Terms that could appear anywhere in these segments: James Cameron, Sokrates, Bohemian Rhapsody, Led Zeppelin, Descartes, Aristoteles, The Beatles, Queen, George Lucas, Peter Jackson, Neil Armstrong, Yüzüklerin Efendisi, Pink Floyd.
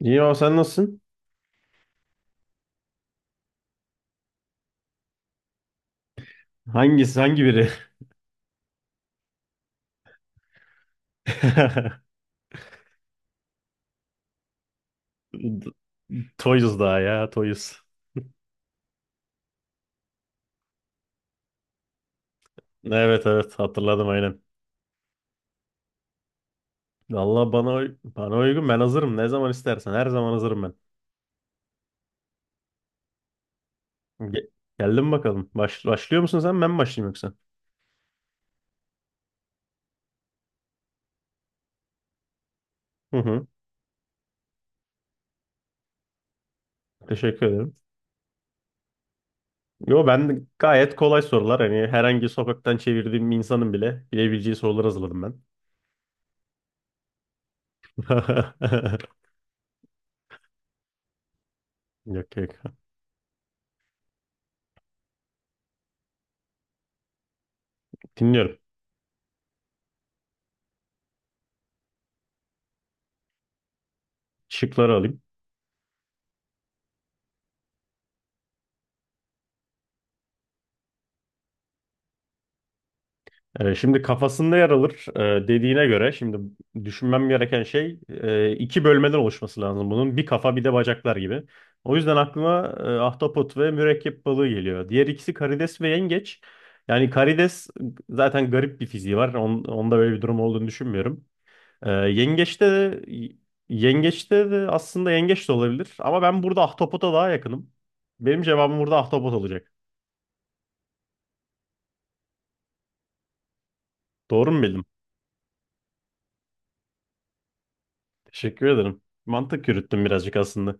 İyi o sen nasılsın? Hangi biri? Toyuz daha ya Toyuz. Evet evet hatırladım aynen. Valla bana uygun ben hazırım ne zaman istersen her zaman hazırım ben. Ge- Geldim bakalım. Başlıyor musun sen ben mi başlayayım yoksa? Hı hı. Teşekkür ederim. Yo ben gayet kolay sorular hani herhangi sokaktan çevirdiğim bir insanın bile bilebileceği sorular hazırladım ben. Yok yok. Dinliyorum. Şıkları alayım. Şimdi kafasında yer alır, dediğine göre şimdi düşünmem gereken şey iki bölmeden oluşması lazım bunun. Bir kafa bir de bacaklar gibi. O yüzden aklıma ahtapot ve mürekkep balığı geliyor. Diğer ikisi karides ve yengeç. Yani karides zaten garip bir fiziği var. Onda böyle bir durum olduğunu düşünmüyorum. E, yengeçte de yengeçte de aslında yengeç de olabilir ama ben burada ahtapota daha yakınım. Benim cevabım burada ahtapot olacak. Doğru mu bildim? Teşekkür ederim. Mantık yürüttüm birazcık aslında.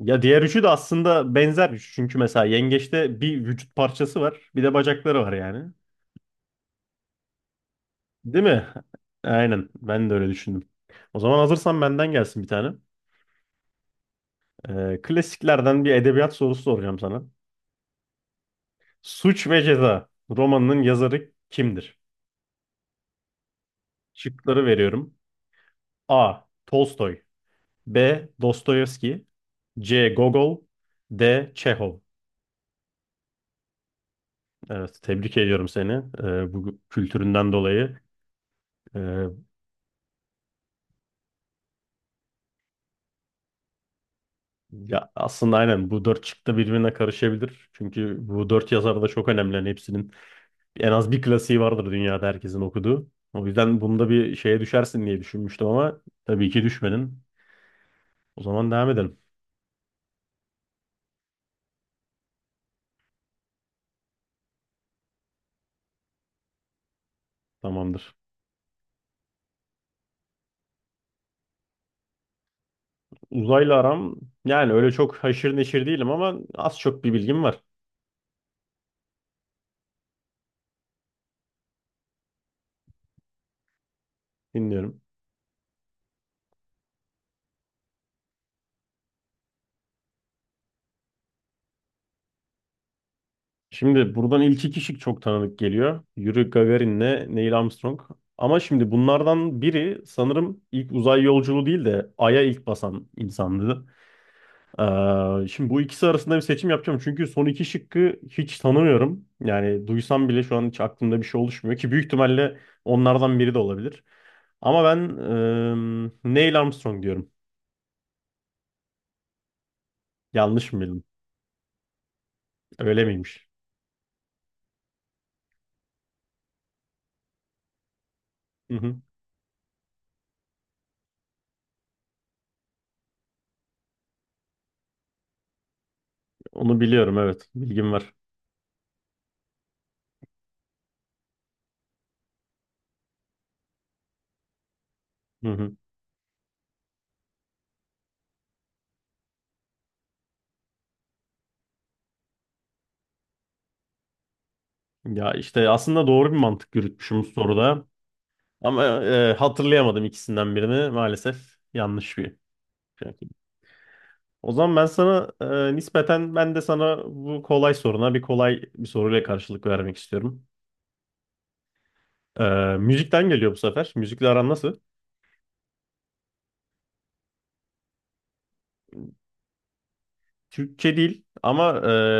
Ya diğer üçü de aslında benzer üç. Çünkü mesela yengeçte bir vücut parçası var, bir de bacakları var yani. Değil mi? Aynen. Ben de öyle düşündüm. O zaman hazırsan benden gelsin bir tane. Klasiklerden bir edebiyat sorusu soracağım sana. Suç ve Ceza romanının yazarı kimdir? Şıkları veriyorum. A. Tolstoy. B. Dostoyevski. C. Gogol. D. Çehov. Evet, tebrik ediyorum seni. Bu kültüründen dolayı. Ee, Ya aslında aynen bu dört çıktı birbirine karışabilir. Çünkü bu dört yazar da çok önemli. Hani hepsinin en az bir klasiği vardır dünyada herkesin okuduğu. O yüzden bunda bir şeye düşersin diye düşünmüştüm ama tabii ki düşmedin. O zaman devam edelim. Tamamdır. Uzayla aram yani öyle çok haşır neşir değilim ama az çok bir bilgim var. Dinliyorum. Şimdi buradan ilk iki kişi çok tanıdık geliyor. Yuri Gagarin'le Neil Armstrong. Ama şimdi bunlardan biri sanırım ilk uzay yolculuğu değil de Ay'a ilk basan insandı. Şimdi bu ikisi arasında bir seçim yapacağım. Çünkü son iki şıkkı hiç tanımıyorum. Yani duysam bile şu an hiç aklımda bir şey oluşmuyor ki büyük ihtimalle onlardan biri de olabilir. Ama ben Neil Armstrong diyorum. Yanlış mı bildim? Öyle miymiş? Hı hı. Onu biliyorum, evet. Bilgim var. Hı hı. Ya işte aslında doğru bir mantık yürütmüşüm soruda. Ama hatırlayamadım ikisinden birini. Maalesef yanlış bir şey. O zaman ben sana, nispeten ben de sana bu kolay soruna bir kolay bir soruyla karşılık vermek istiyorum. E, müzikten geliyor bu sefer. Müzikle aran nasıl? Türkçe değil ama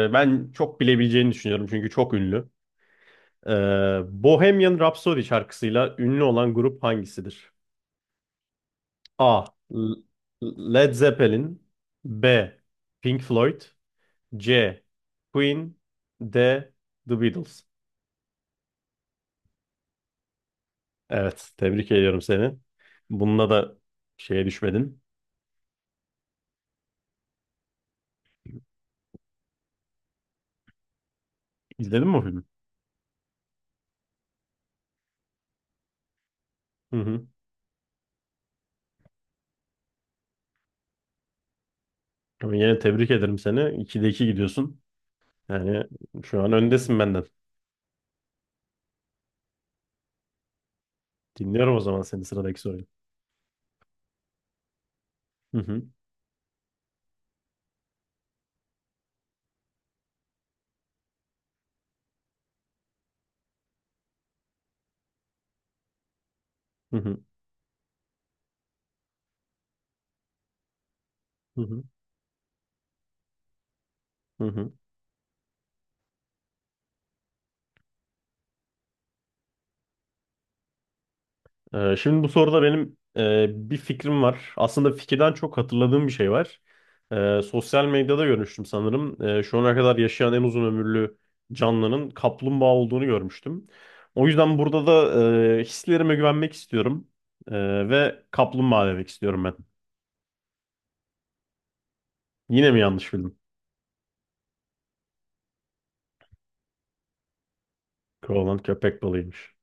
ben çok bilebileceğini düşünüyorum çünkü çok ünlü. E, Bohemian Rhapsody şarkısıyla ünlü olan grup hangisidir? A. L- Led Zeppelin. B. Pink Floyd. C. Queen. D. The Beatles. Evet, tebrik ediyorum seni. Bununla da şeye düşmedin. İzledin mi o filmi? Hı hı. Ama yine tebrik ederim seni. 2'de 2 gidiyorsun. Yani şu an öndesin benden. Dinliyorum o zaman senin sıradaki soruyu. Hı hı. Hı hı. Hı hı. Hı hı. Şimdi bu soruda benim bir fikrim var. Aslında fikirden çok hatırladığım bir şey var. Sosyal medyada görmüştüm sanırım. Şu ana kadar yaşayan en uzun ömürlü canlının kaplumbağa olduğunu görmüştüm. O yüzden burada da hislerime güvenmek istiyorum. Ve kaplumbağa demek istiyorum ben. Yine mi yanlış bildim? Koalan köpek balığıymış.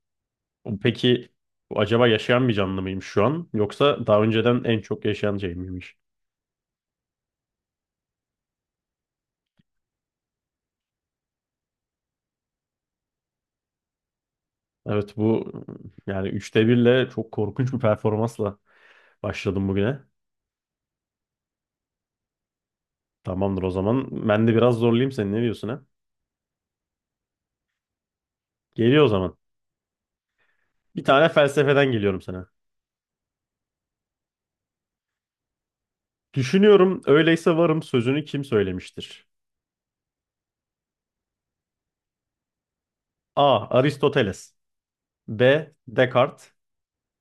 Peki bu acaba yaşayan bir canlı mıymış şu an? Yoksa daha önceden en çok yaşayan şey miymiş? Evet, bu yani üçte birle çok korkunç bir performansla başladım bugüne. Tamamdır o zaman. Ben de biraz zorlayayım seni. Ne diyorsun, ha? Geliyor o zaman. Bir tane felsefeden geliyorum sana. Düşünüyorum öyleyse varım sözünü kim söylemiştir? A. Aristoteles. B. Descartes.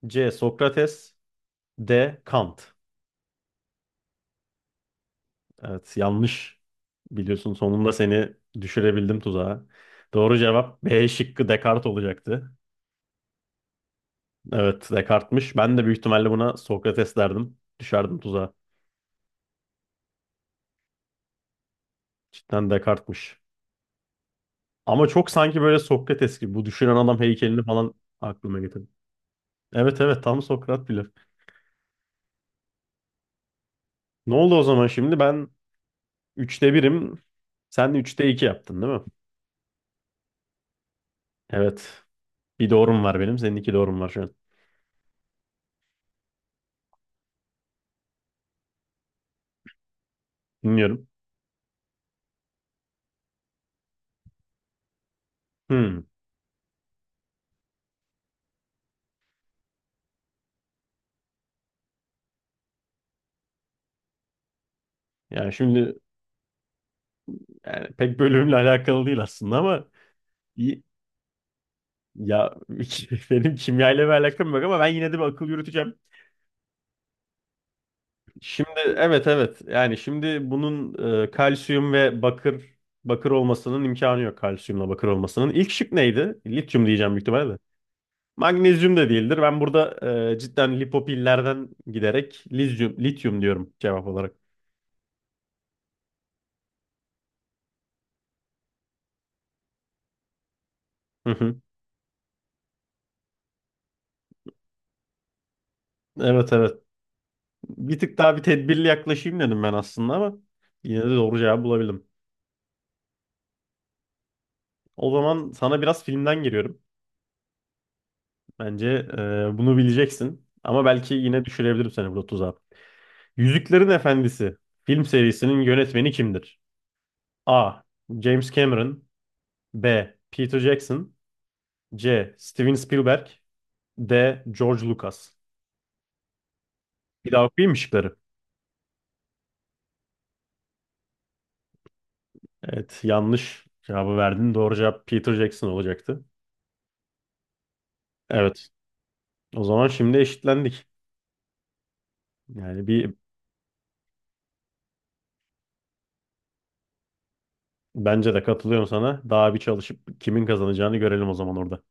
C. Sokrates. D. Kant. Evet, yanlış. Biliyorsun, sonunda seni düşürebildim tuzağa. Doğru cevap B şıkkı Descartes olacaktı. Evet, Descartes'miş. Ben de büyük ihtimalle buna Sokrates derdim. Düşerdim tuzağa. Cidden Descartes'miş. Ama çok sanki böyle Sokrates gibi. Bu düşünen adam heykelini falan aklıma getirdi. Evet evet, tam Sokrat bile. Ne oldu o zaman şimdi? Ben üçte birim, sen üçte 2 yaptın değil mi? Evet. Bir doğrum var benim. Senin iki doğrum var şu an. Dinliyorum. Hmm. Yani şimdi yani pek bölümle alakalı değil aslında ama iyi. Ya benim kimyayla bir alakam yok ama ben yine de bir akıl yürüteceğim. Şimdi evet evet yani şimdi bunun kalsiyum ve bakır, olmasının imkanı yok, kalsiyumla bakır olmasının. İlk şık neydi? Lityum diyeceğim büyük ihtimalle de. Magnezyum da değildir. Ben burada cidden lipopillerden giderek lityum diyorum cevap olarak. Hı hı. Evet evet. Bir tık daha bir tedbirli yaklaşayım dedim ben aslında ama yine de doğru cevabı bulabildim. O zaman sana biraz filmden giriyorum. Bence bunu bileceksin ama belki yine düşürebilirim seni burada tuzağa. Yüzüklerin Efendisi film serisinin yönetmeni kimdir? A. James Cameron. B. Peter Jackson. C. Steven Spielberg. D. George Lucas. Bir daha okuyayım mı şıkları? Evet, yanlış cevabı verdin. Doğru cevap Peter Jackson olacaktı. Evet. O zaman şimdi eşitlendik. Yani bence de katılıyorum sana. Daha bir çalışıp kimin kazanacağını görelim o zaman orada.